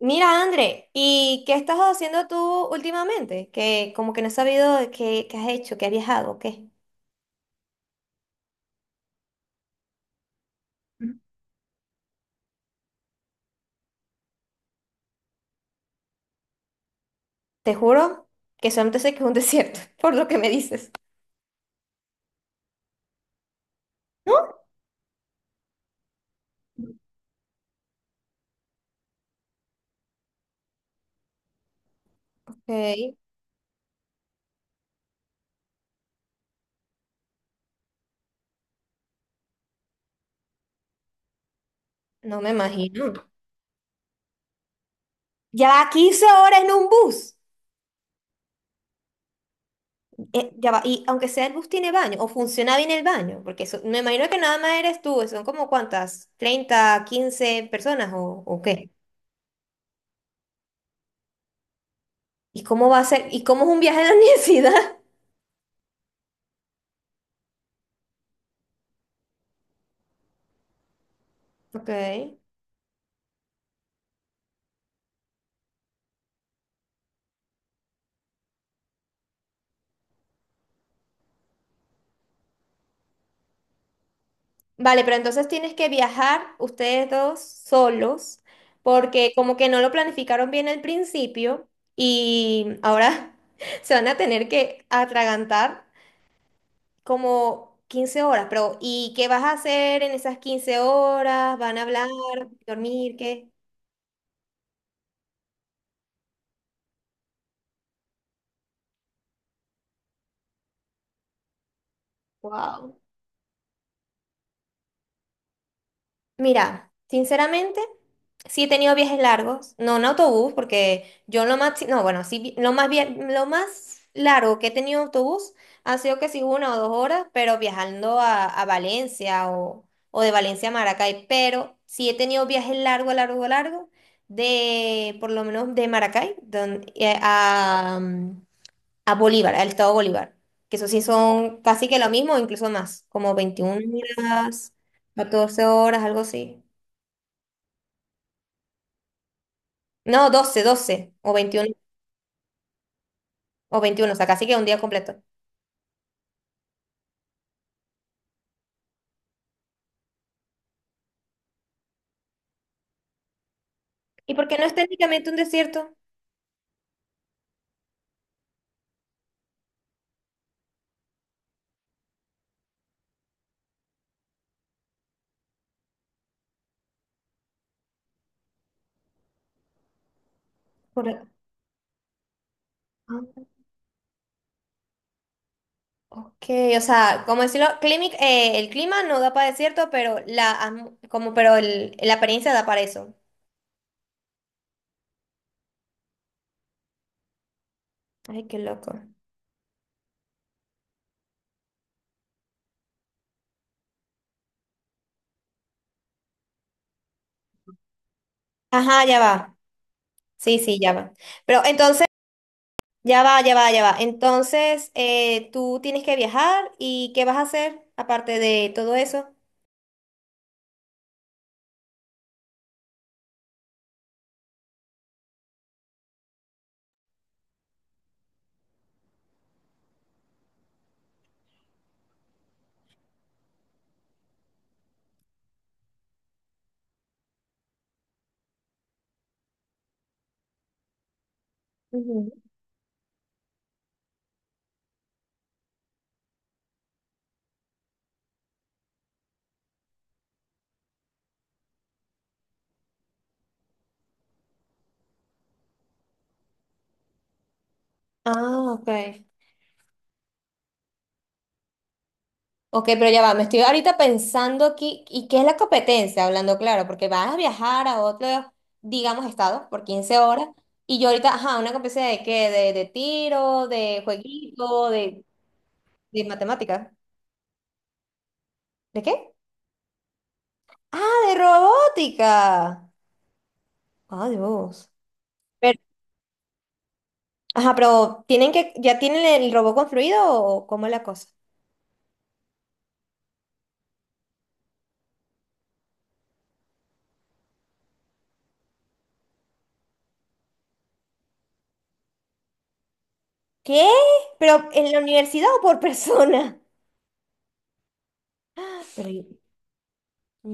Mira, André, ¿y qué estás haciendo tú últimamente? Que como que no he sabido qué has hecho, qué has viajado, o qué. Te juro que solamente sé que es un desierto, por lo que me dices. ¿No? Ok, no me imagino. Ya va 15 horas en un bus. Ya va, y aunque sea el bus tiene baño, o funciona bien el baño, porque eso, me imagino que nada más eres tú, son como cuántas, 30, 15 personas o qué. ¿Y cómo va a ser? ¿Y cómo es un viaje a la universidad? Ok. Vale, pero entonces tienes que viajar ustedes dos solos, porque como que no lo planificaron bien al principio y ahora se van a tener que atragantar como 15 horas, pero ¿y qué vas a hacer en esas 15 horas? ¿Van a hablar, dormir, qué? Wow. Mira, sinceramente, sí he tenido viajes largos, no en autobús, porque yo lo más, no, bueno, sí, lo más, lo más largo que he tenido en autobús ha sido que sí 1 o 2 horas, pero viajando a Valencia o de Valencia a Maracay, pero sí he tenido viajes largo, largo, largo, de, por lo menos de Maracay, a Bolívar, al estado Bolívar, que eso sí son casi que lo mismo, incluso más, como 21 horas, 14 horas, algo así. No, doce o 21 o 21 o sea, casi que un día completo. ¿Y por qué no es técnicamente un desierto? Por- ah, Ok, o sea, como decirlo, el clima no da para desierto, pero la, atm- como, pero el- la apariencia da para eso. Ay, qué loco. Ajá, ya va. Sí, sí, ya va. Pero entonces. Ya va, ya va, ya va. Entonces, tú tienes que viajar y ¿qué vas a hacer aparte de todo eso? Ujú. Ah, ok. Ok, pero ya va, me estoy ahorita pensando aquí, ¿y qué es la competencia? Hablando claro, porque vas a viajar a otro, digamos, estado por 15 horas, y yo ahorita, ajá, una competencia de qué, de tiro, de jueguito, de matemática. ¿De qué? Ah, de robótica. Adiós. Ajá, pero ya tienen el robot construido o cómo es la cosa? ¿Qué? ¿Pero en la universidad o por persona? Pero yo-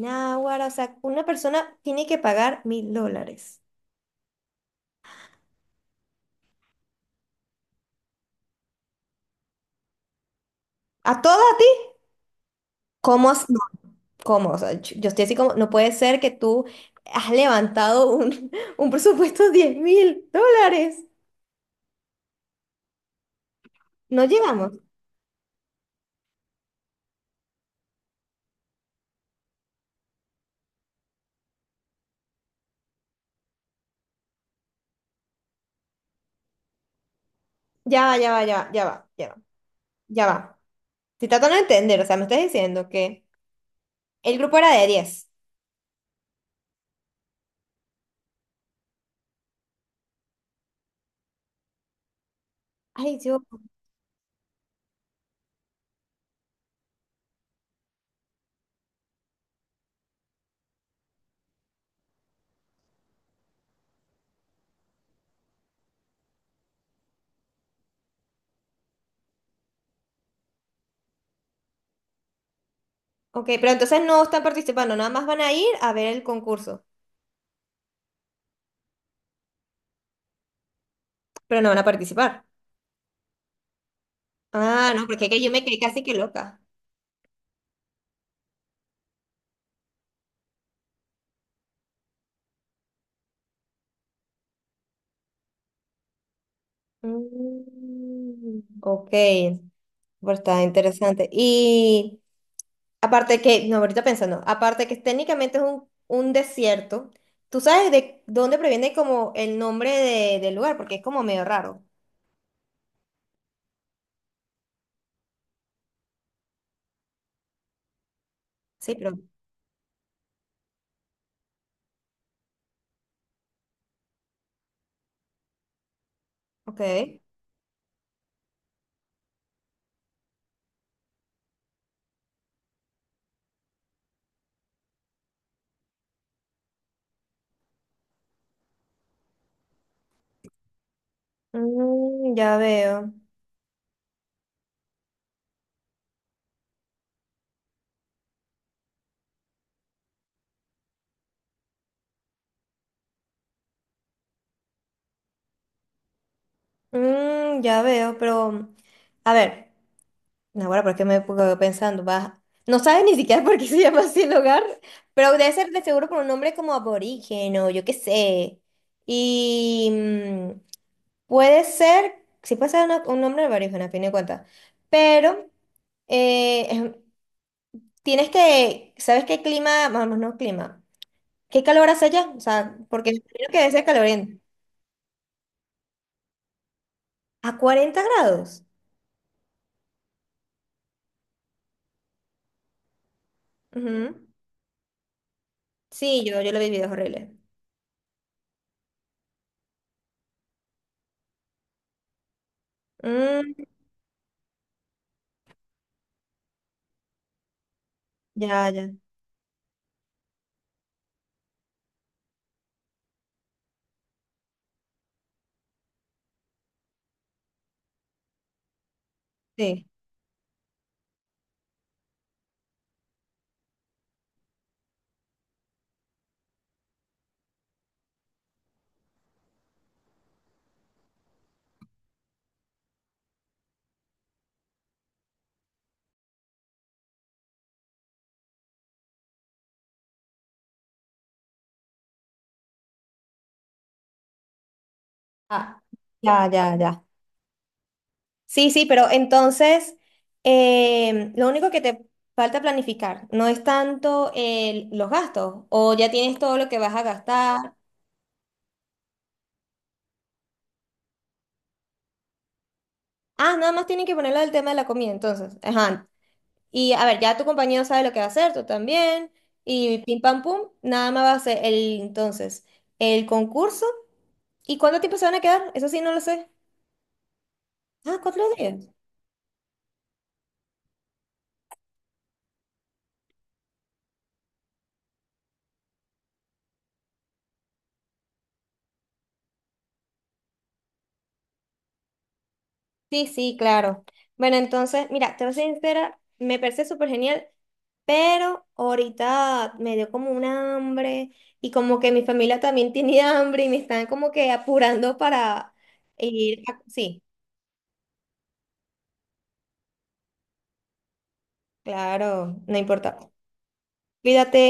Náguara, o sea, una persona tiene que pagar $1,000. ¿A toda a ti? ¿Cómo? As- no, ¿Cómo? O sea, yo estoy así como, no puede ser que tú has levantado un, un presupuesto de $10,000. No llegamos. Ya va, ya va, ya va, ya va, ya va, ya va. Estoy tratando de entender, o sea, me estás diciendo que el grupo era de 10. Ay, Dios. Ok, pero entonces no están participando, nada más van a ir a ver el concurso, pero no van a participar. Ah, no, porque es que yo me quedé casi que loca. Mm, ok, pero está interesante. Y aparte que, no, ahorita pensando, aparte que técnicamente es un desierto, ¿tú sabes de dónde proviene como el nombre del lugar? Porque es como medio raro. Sí, pero, ok. Mm, ya veo. Mm, ya veo, pero, a ver. No, bueno, porque me quedo pensando, vas, no sabes ni siquiera por qué se llama así el lugar, pero debe ser de seguro por un nombre como aborigen o yo qué sé. Y mm, puede ser, sí puede ser un nombre aborigen a fin de cuentas, pero eh, em, ¿sabes qué clima? Vamos, no clima. ¿Qué calor hace allá? O sea, porque me imagino que debe ser caloriento. A 40 grados. Ujú. Sí, yo lo he vivido, es horrible. Mm, ya, ya. Sí. Ah, ya, ya, ya. Sí, sí, pero entonces lo único que te falta planificar no es tanto los gastos o ya tienes todo lo que vas a gastar. Ah, nada más tienen que ponerlo del tema de la comida, entonces. Ajá. Y a ver, ya tu compañero sabe lo que va a hacer, tú también. Y pim pam pum, nada más va a ser el entonces el concurso. ¿Y cuánto tiempo se van a quedar? Eso sí, no lo sé. Ah, 4 días. Sí, sí, claro. Bueno, entonces, mira, te voy a ser sincera, me parece súper genial. Pero ahorita me dio como un hambre y como que mi familia también tiene hambre y me están como que apurando para ir a. Sí, claro, no importa. Cuídate.